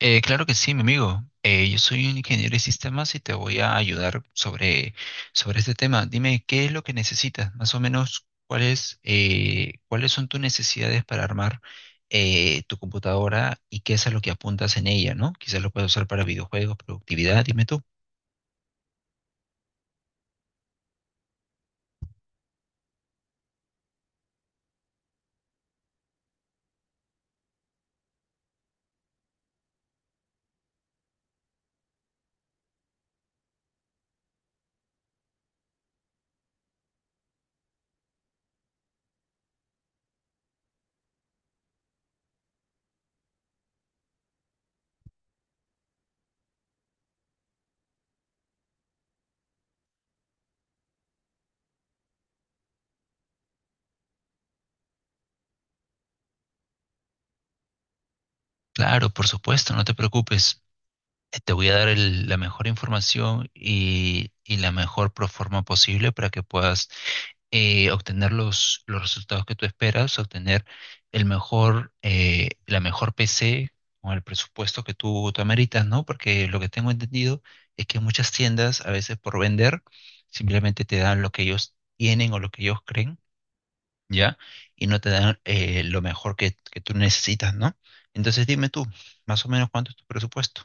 Claro que sí, mi amigo. Yo soy un ingeniero de sistemas y te voy a ayudar sobre este tema. Dime, ¿qué es lo que necesitas? Más o menos, ¿cuáles son tus necesidades para armar tu computadora y qué es a lo que apuntas en ella, ¿no? Quizás lo puedes usar para videojuegos, productividad, dime tú. Claro, por supuesto, no te preocupes. Te voy a dar la mejor información y, la mejor forma posible para que puedas obtener los resultados que tú esperas, obtener la mejor PC con el presupuesto que tú ameritas, ¿no? Porque lo que tengo entendido es que muchas tiendas, a veces por vender, simplemente te dan lo que ellos tienen o lo que ellos creen, ¿ya? Y no te dan lo mejor que tú necesitas, ¿no? Entonces dime tú, más o menos cuánto es tu presupuesto.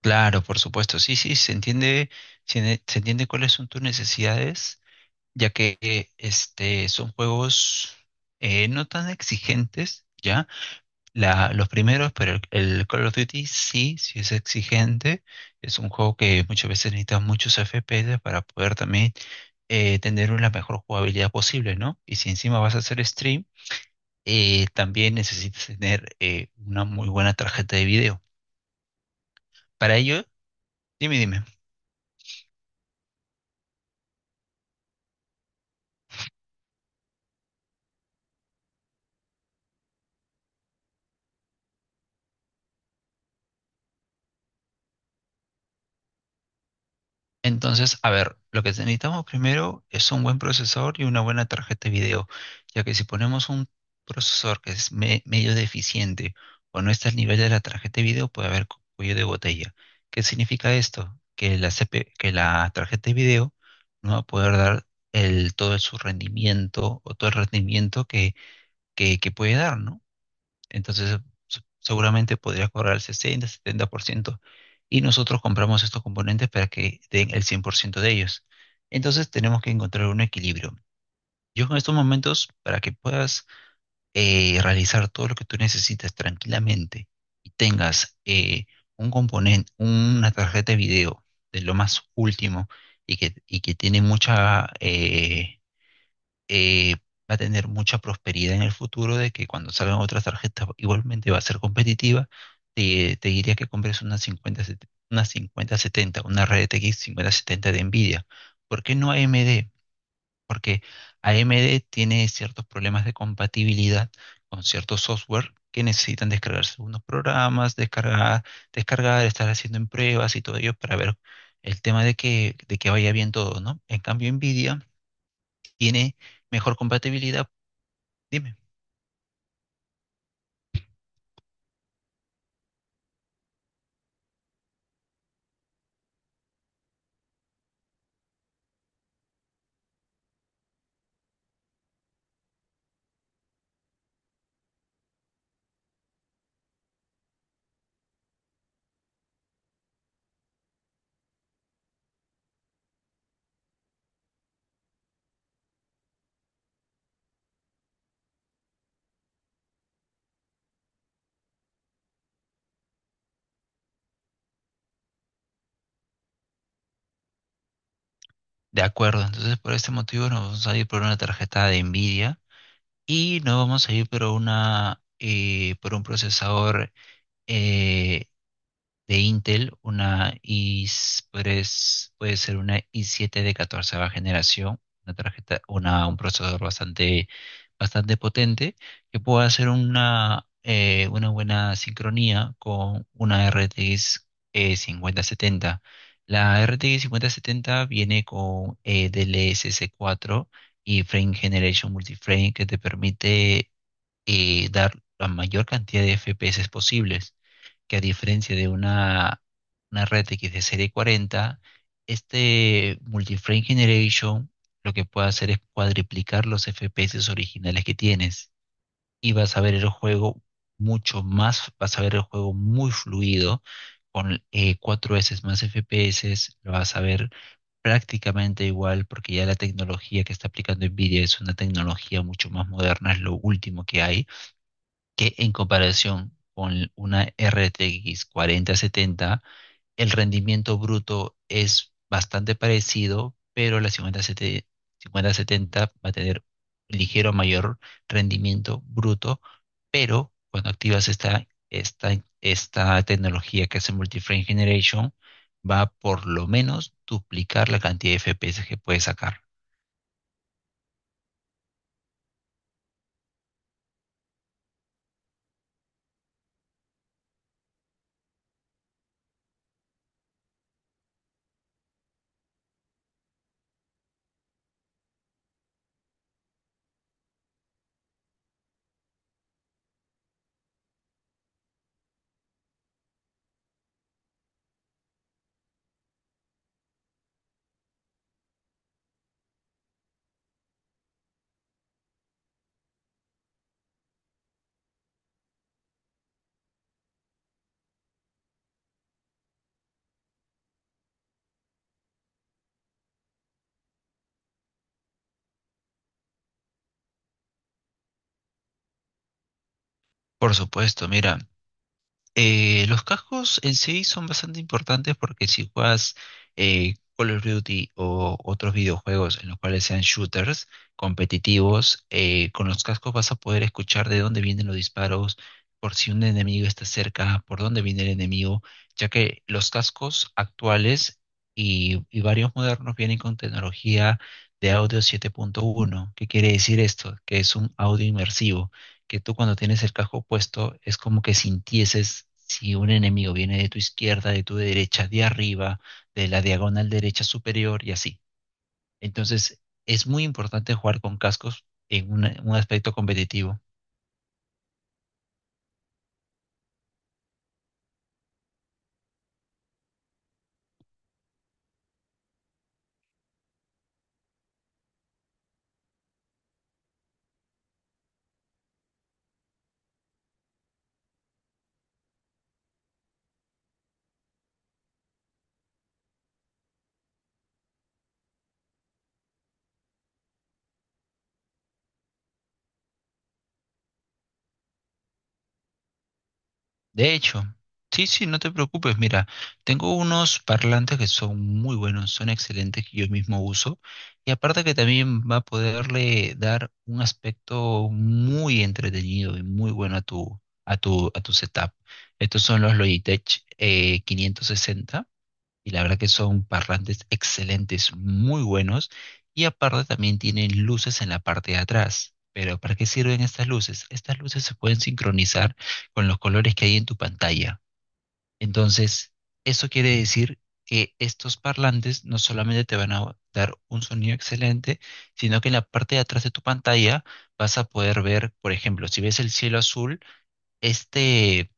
Claro, por supuesto, sí, sí, se entiende, se entiende cuáles son tus necesidades ya que son juegos no tan exigentes, ¿ya? Los primeros, pero el Call of Duty sí, sí es exigente. Es un juego que muchas veces necesita muchos FPS para poder también tener la mejor jugabilidad posible, ¿no? Y si encima vas a hacer stream, también necesitas tener una muy buena tarjeta de video. Para ello, dime, dime. Entonces, a ver, lo que necesitamos primero es un buen procesador y una buena tarjeta de video, ya que si ponemos un procesador que es medio deficiente o no está al nivel de la tarjeta de video, puede haber cuello de botella. ¿Qué significa esto? Que la CP, que la tarjeta de video no va a poder dar todo su rendimiento o todo el rendimiento que puede dar, ¿no? Entonces, seguramente podría cobrar el 60, 70%. Y nosotros compramos estos componentes para que den el 100% de ellos. Entonces, tenemos que encontrar un equilibrio. Yo en estos momentos, para que puedas realizar todo lo que tú necesitas tranquilamente y tengas una tarjeta de video de lo más último y que eh, va a tener mucha prosperidad en el futuro de que cuando salgan otras tarjetas igualmente va a ser competitiva. Te diría que compres una 50, una 5070, una RTX 5070 de Nvidia. ¿Por qué no AMD? Porque a AMD tiene ciertos problemas de compatibilidad con ciertos software que necesitan descargarse unos programas, descargar, estar haciendo en pruebas y todo ello para ver el tema de que vaya bien todo, ¿no? En cambio, Nvidia tiene mejor compatibilidad. Dime. De acuerdo, entonces por este motivo nos vamos a ir por una tarjeta de Nvidia y nos vamos a ir por un procesador eh, de Intel, puede ser una i7 de 14 generación, un procesador bastante, bastante potente, que pueda hacer una buena sincronía con una RTX 5070. La RTX 5070 viene con DLSS 4 y Frame Generation Multiframe que te permite dar la mayor cantidad de FPS posibles, que a diferencia de una, red RTX de serie 40, este Multiframe Generation lo que puede hacer es cuadriplicar los FPS originales que tienes y vas a ver el juego muy fluido con cuatro veces más FPS, lo vas a ver prácticamente igual porque ya la tecnología que está aplicando Nvidia es una tecnología mucho más moderna, es lo último que hay, que en comparación con una RTX 4070, el rendimiento bruto es bastante parecido, pero la 5070, 5070 va a tener un ligero mayor rendimiento bruto, pero cuando activas esta tecnología que hace multi frame Generation, va a por lo menos duplicar la cantidad de FPS que puedes sacar. Por supuesto, mira. Los cascos en sí son bastante importantes porque si juegas Call of Duty o otros videojuegos en los cuales sean shooters competitivos, con los cascos vas a poder escuchar de dónde vienen los disparos, por si un enemigo está cerca, por dónde viene el enemigo, ya que los cascos actuales y, varios modernos vienen con tecnología de audio 7.1. ¿Qué quiere decir esto? Que es un audio inmersivo que tú cuando tienes el casco puesto es como que sintieses si un enemigo viene de tu izquierda, de tu derecha, de arriba, de la diagonal derecha superior y así. Entonces, es muy importante jugar con cascos en un aspecto competitivo. De hecho, sí, sí, no te preocupes. Mira, tengo unos parlantes que son muy buenos, son excelentes que yo mismo uso. Y aparte que también va a poderle dar un aspecto muy entretenido y muy bueno a tu, a tu setup. Estos son los Logitech 560 y la verdad que son parlantes excelentes, muy buenos, y aparte también tienen luces en la parte de atrás. Pero ¿para qué sirven estas luces? Estas luces se pueden sincronizar con los colores que hay en tu pantalla. Entonces, eso quiere decir que estos parlantes no solamente te van a dar un sonido excelente, sino que en la parte de atrás de tu pantalla vas a poder ver, por ejemplo, si ves el cielo azul, este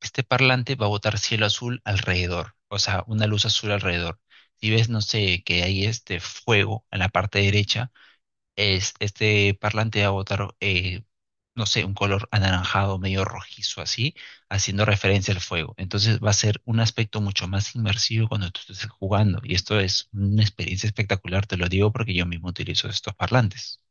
este parlante va a botar cielo azul alrededor, o sea, una luz azul alrededor. Si ves, no sé, que hay este fuego en la parte derecha, este parlante va a botar, no sé, un color anaranjado, medio rojizo, así, haciendo referencia al fuego. Entonces va a ser un aspecto mucho más inmersivo cuando tú estés jugando. Y esto es una experiencia espectacular, te lo digo porque yo mismo utilizo estos parlantes.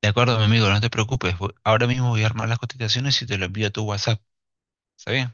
De acuerdo, mi amigo, no te preocupes. Ahora mismo voy a armar las cotizaciones y te lo envío a tu WhatsApp. ¿Está bien?